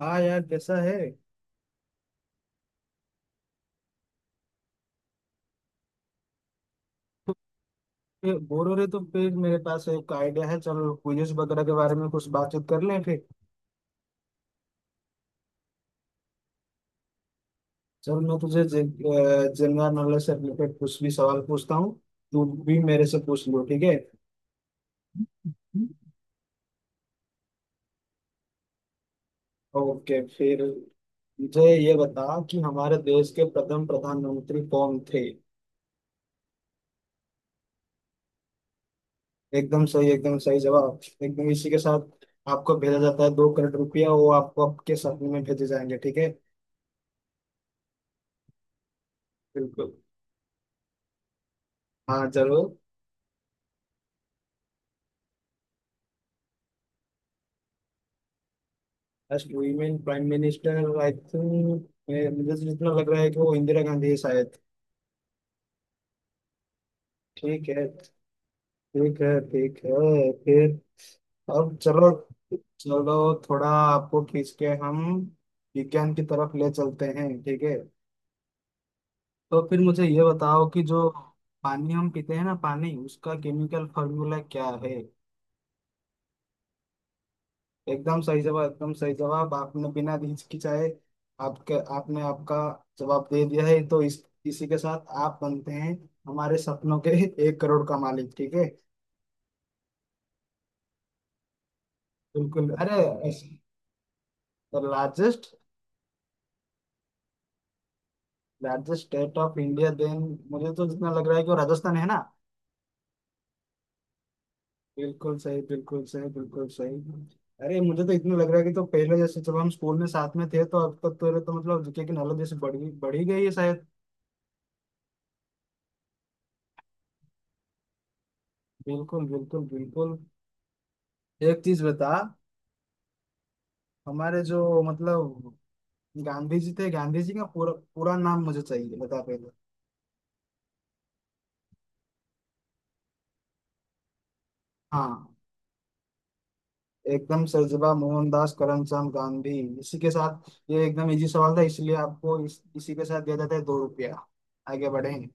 हाँ यार, कैसा है? ये बोर हो रहे तो फिर मेरे पास एक आइडिया है। चलो क्विज वगैरह के बारे में कुछ बातचीत कर लें फिर। चल मैं तुझे जनरल नॉलेज से रिलेटेड कुछ भी सवाल पूछता हूँ। तू भी मेरे से पूछ लो, ठीक है? ओके फिर, मुझे ये बता कि हमारे देश के प्रथम प्रधानमंत्री कौन थे। एकदम सही, एकदम सही जवाब। एकदम इसी के साथ आपको भेजा जाता है 2 करोड़ रुपया, वो आपको आपके साथ में भेजे जाएंगे, ठीक है। बिल्कुल। हाँ, जरूर। First women prime minister, I think मुझे तो जितना लग रहा है कि वो इंदिरा गांधी है शायद। ठीक है ठीक है ठीक है। फिर अब चलो, चलो थोड़ा आपको खींच के हम विज्ञान की तरफ ले चलते हैं, ठीक है। तो फिर मुझे ये बताओ कि जो पानी हम पीते हैं ना, पानी, उसका केमिकल फॉर्मूला क्या है। एकदम सही जवाब, एकदम सही जवाब। आपने बिना हिचकिचाए आपके आपने आपका जवाब दे दिया है, तो इस इसी के साथ आप बनते हैं हमारे सपनों के 1 करोड़ का मालिक, ठीक है। बिल्कुल। अरे the largest, largest state of India then, मुझे तो जितना लग रहा है कि वो राजस्थान है ना। बिल्कुल सही, बिल्कुल सही, बिल्कुल सही। अरे मुझे तो इतना लग रहा है कि तो पहले जैसे जब हम स्कूल में साथ में थे, तो अब तक तो मतलब जीके की नॉलेज जैसे बढ़ गई, बढ़ ही गई है शायद। बिल्कुल बिल्कुल बिल्कुल। एक चीज बता, हमारे जो मतलब गांधी जी थे, गांधी जी का पूरा पूरा नाम मुझे चाहिए, बता पहले। हाँ, एकदम सरजबा मोहनदास करमचंद गांधी। इसी के साथ, ये एकदम इजी सवाल था, इसलिए आपको इसी के साथ दिया जाता है 2 रुपया। आगे बढ़ेंगे।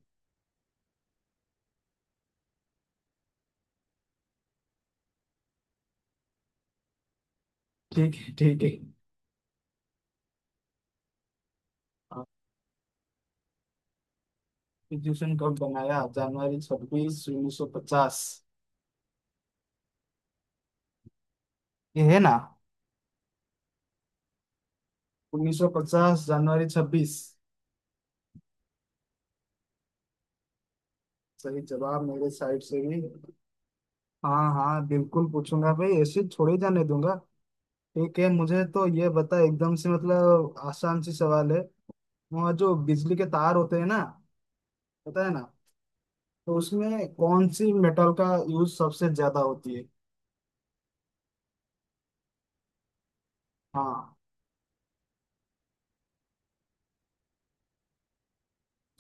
ठीक है ठीक है। कॉन्स्टिट्यूशन कब बनाया? जनवरी छब्बीस, उन्नीस सौ पचास। ये है ना। उन्नीस सौ पचास, जनवरी छब्बीस। सही जवाब मेरे साइड से भी। हाँ हाँ, बिल्कुल पूछूंगा भाई, ऐसे थोड़ी जाने दूंगा। ठीक है, मुझे तो ये बता, एकदम से मतलब आसान सी सवाल है। वहाँ जो बिजली के तार होते हैं ना, पता है ना, तो उसमें कौन सी मेटल का यूज सबसे ज्यादा होती है। हाँ,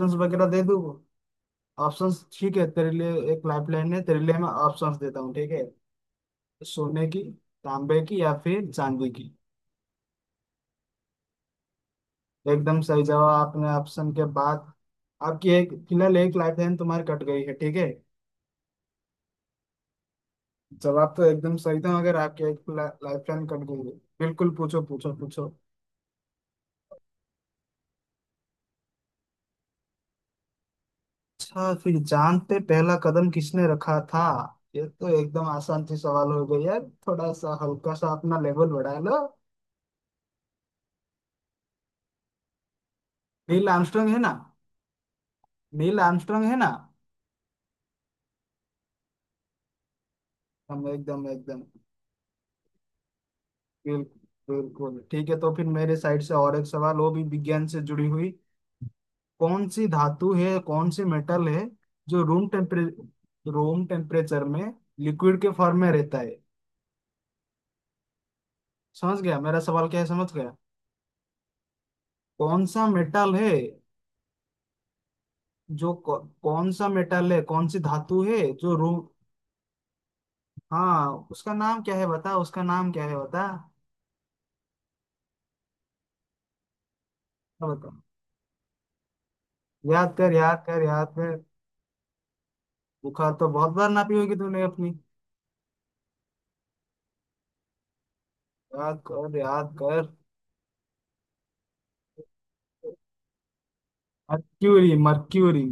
ऑप्शंस वगैरह दे दूँ? ऑप्शंस, ठीक है, तेरे लिए एक लाइफलाइन है, तेरे लिए मैं ऑप्शंस देता हूँ, ठीक है। सोने की, तांबे की, या फिर चांदी की। एकदम सही जवाब, आपने ऑप्शन के बाद आपकी एक, फिलहाल एक लाइफलाइन तुम्हारी कट गई है, ठीक है। जवाब तो एकदम सही था, मगर आपकी एक लाइफ लाइन कट गई है। बिल्कुल, पूछो पूछो पूछो। अच्छा, फिर जान पे पहला कदम किसने रखा था? ये तो एकदम आसान सी सवाल हो गई है, थोड़ा सा हल्का सा अपना लेवल बढ़ा लो। नील आर्मस्ट्रांग है ना? नील आर्मस्ट्रांग है ना। हम एकदम एकदम बिल्कुल बिल्कुल, ठीक है। तो फिर मेरे साइड से और एक सवाल, वो भी विज्ञान से जुड़ी हुई। कौन सी धातु है, कौन सी मेटल है जो रूम टेम्परेचर में लिक्विड के फॉर्म में रहता है? समझ गया मेरा सवाल क्या है, समझ गया? कौन सा मेटल है? जो कौ, कौन सा मेटल है, कौन सी धातु है जो रू, हाँ, उसका नाम क्या है बता, उसका नाम क्या है बता। हाँ, बता। याद कर, याद कर, याद कर। बुखार तो बहुत बार नापी होगी तूने अपनी। याद कर, याद कर। मर्क्यूरी, मर्क्यूरी,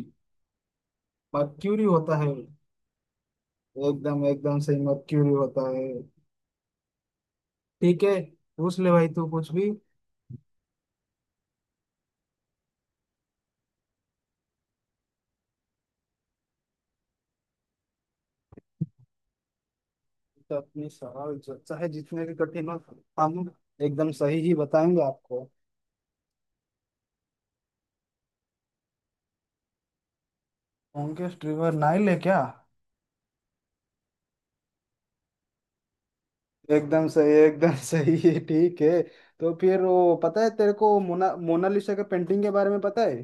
मर्क्यूरी होता है। एकदम एकदम सही, मर्क्यूरी होता है। ठीक है, पूछ ले भाई तू कुछ भी। तो अपनी सवाल जो चाहे जितने भी कठिन हो, हम एकदम सही ही बताएंगे आपको। ओंकेश ट्रिवर नाइल है क्या? एकदम सही, एकदम सही है, ठीक है। तो फिर वो पता है तेरे को, मोनालिसा के पेंटिंग के बारे में पता है?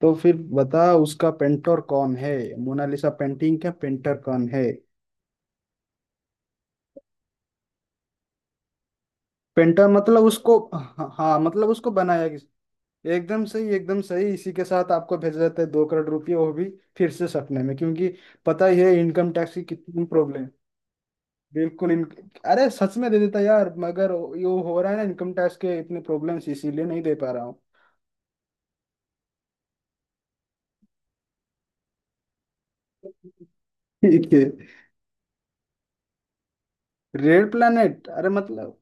तो फिर बता उसका पेंटर कौन है। मोनालिसा पेंटिंग का पेंटर कौन है? पेंटर मतलब उसको, हाँ हाँ, मतलब उसको बनाया किस। एकदम सही, एकदम सही, इसी के साथ आपको भेजा जाता है दो करोड़ रुपये, वो भी फिर से सपने में, क्योंकि पता ही है इनकम टैक्स की कितनी प्रॉब्लम। बिल्कुल इन, अरे सच में दे देता यार, मगर ये हो रहा है ना इनकम टैक्स के इतने प्रॉब्लम्स, इसीलिए नहीं दे पा रहा हूँ। ठीक है, रेड प्लैनेट, अरे मतलब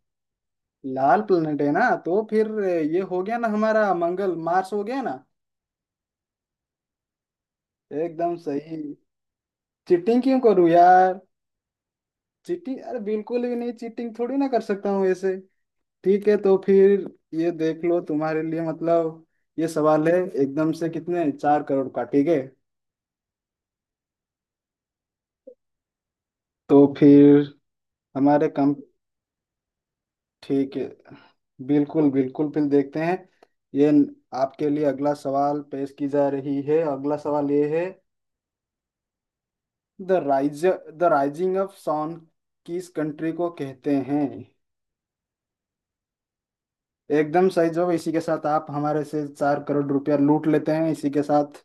लाल प्लैनेट है ना, तो फिर ये हो गया ना हमारा मंगल, मार्स हो गया ना। एकदम सही। चीटिंग क्यों करूं यार? चीटिंग, अरे बिल्कुल भी नहीं, चीटिंग थोड़ी ना कर सकता हूँ ऐसे। ठीक है, तो फिर ये देख लो तुम्हारे लिए, मतलब ये सवाल है एकदम से कितने, 4 करोड़ का, ठीक है। तो फिर हमारे कंपनी, ठीक है, बिल्कुल बिल्कुल फिर देखते हैं। ये न- आपके लिए अगला सवाल पेश की जा रही है, अगला सवाल ये है, the rise the rising of sun किस कंट्री को कहते हैं? एकदम सही जवाब, इसी के साथ आप हमारे से 4 करोड़ रुपया लूट लेते हैं, इसी के साथ।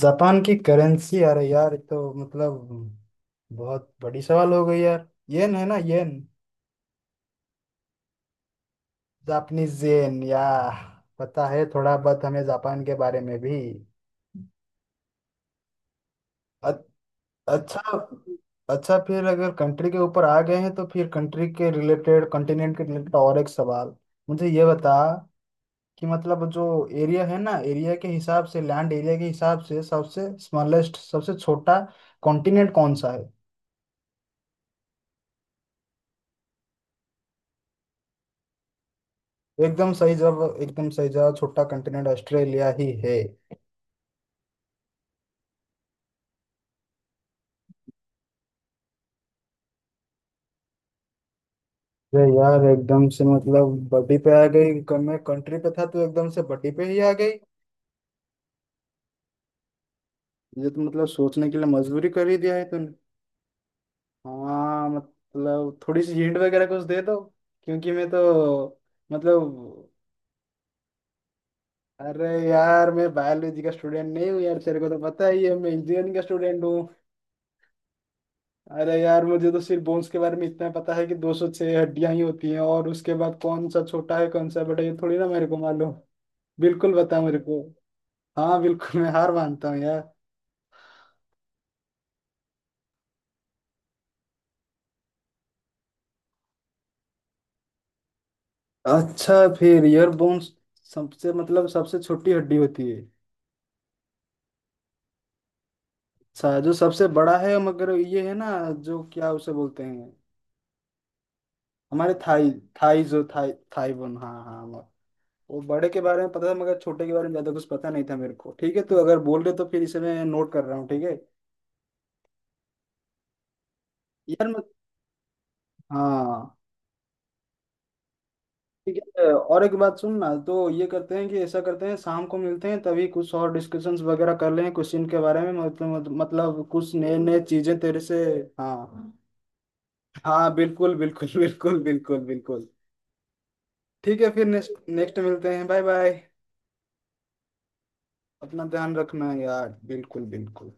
जापान की करेंसी, अरे यार, ये तो मतलब बहुत बड़ी सवाल हो गई यार, येन है ना, येन, जापानीज येन, या पता है थोड़ा बहुत हमें जापान के बारे में भी। अच्छा, अच्छा फिर अगर कंट्री के ऊपर आ गए हैं, तो फिर कंट्री के रिलेटेड, कॉन्टिनेंट के रिलेटेड और एक सवाल, मुझे ये बता कि मतलब जो एरिया है ना, एरिया के हिसाब से, लैंड एरिया के हिसाब से सबसे स्मॉलेस्ट, सबसे छोटा कॉन्टिनेंट कौन सा है? एकदम सही जवाब, एकदम सही जवाब, छोटा कॉन्टिनेंट ऑस्ट्रेलिया ही है। अरे यार एकदम से मतलब बड़ी पे आ गई, मैं कंट्री पे था तो एकदम से बड़ी पे ही आ गई। ये तो मतलब सोचने के लिए मजबूरी कर ही दिया है, तो हाँ, मतलब थोड़ी सी हिंट वगैरह कुछ दे दो, क्योंकि मैं तो मतलब, अरे यार मैं बायोलॉजी का स्टूडेंट नहीं हूँ यार, तेरे को तो पता ही है, मैं इंजीनियरिंग का स्टूडेंट हूँ। अरे यार, मुझे तो सिर्फ बोन्स के बारे में इतना पता है कि 206 हड्डियां ही होती हैं, और उसके बाद कौन सा छोटा है, कौन सा बड़ा है, ये थोड़ी ना मेरे को मालूम। बिल्कुल, बता मेरे को। हाँ, बिल्कुल मैं हार मानता हूँ यार। अच्छा, फिर ईयर बोन्स सबसे मतलब सबसे छोटी हड्डी होती है। अच्छा, जो सबसे बड़ा है मगर ये है ना, जो, क्या उसे बोलते हैं? हमारे थाई, थाई जो, थाई थाई बोन, हाँ हाँ, वो बड़े के बारे में पता था, मगर छोटे के बारे में ज्यादा कुछ पता नहीं था मेरे को। ठीक है, तो अगर बोल रहे, तो फिर इसे मैं नोट कर रहा हूँ, ठीक है। यार मैं, हाँ, ठीक है। और एक बात सुन ना, तो ये करते हैं कि ऐसा करते हैं शाम को मिलते हैं तभी, कुछ और डिस्कशंस वगैरह कर लें क्वेश्चन के बारे में, मतलब कुछ नए नए चीजें तेरे से। हाँ हाँ, बिल्कुल बिल्कुल बिल्कुल बिल्कुल बिल्कुल। ठीक है, फिर नेक्स्ट, नेक्स्ट मिलते हैं, बाय बाय। अपना ध्यान रखना यार, बिल्कुल बिल्कुल।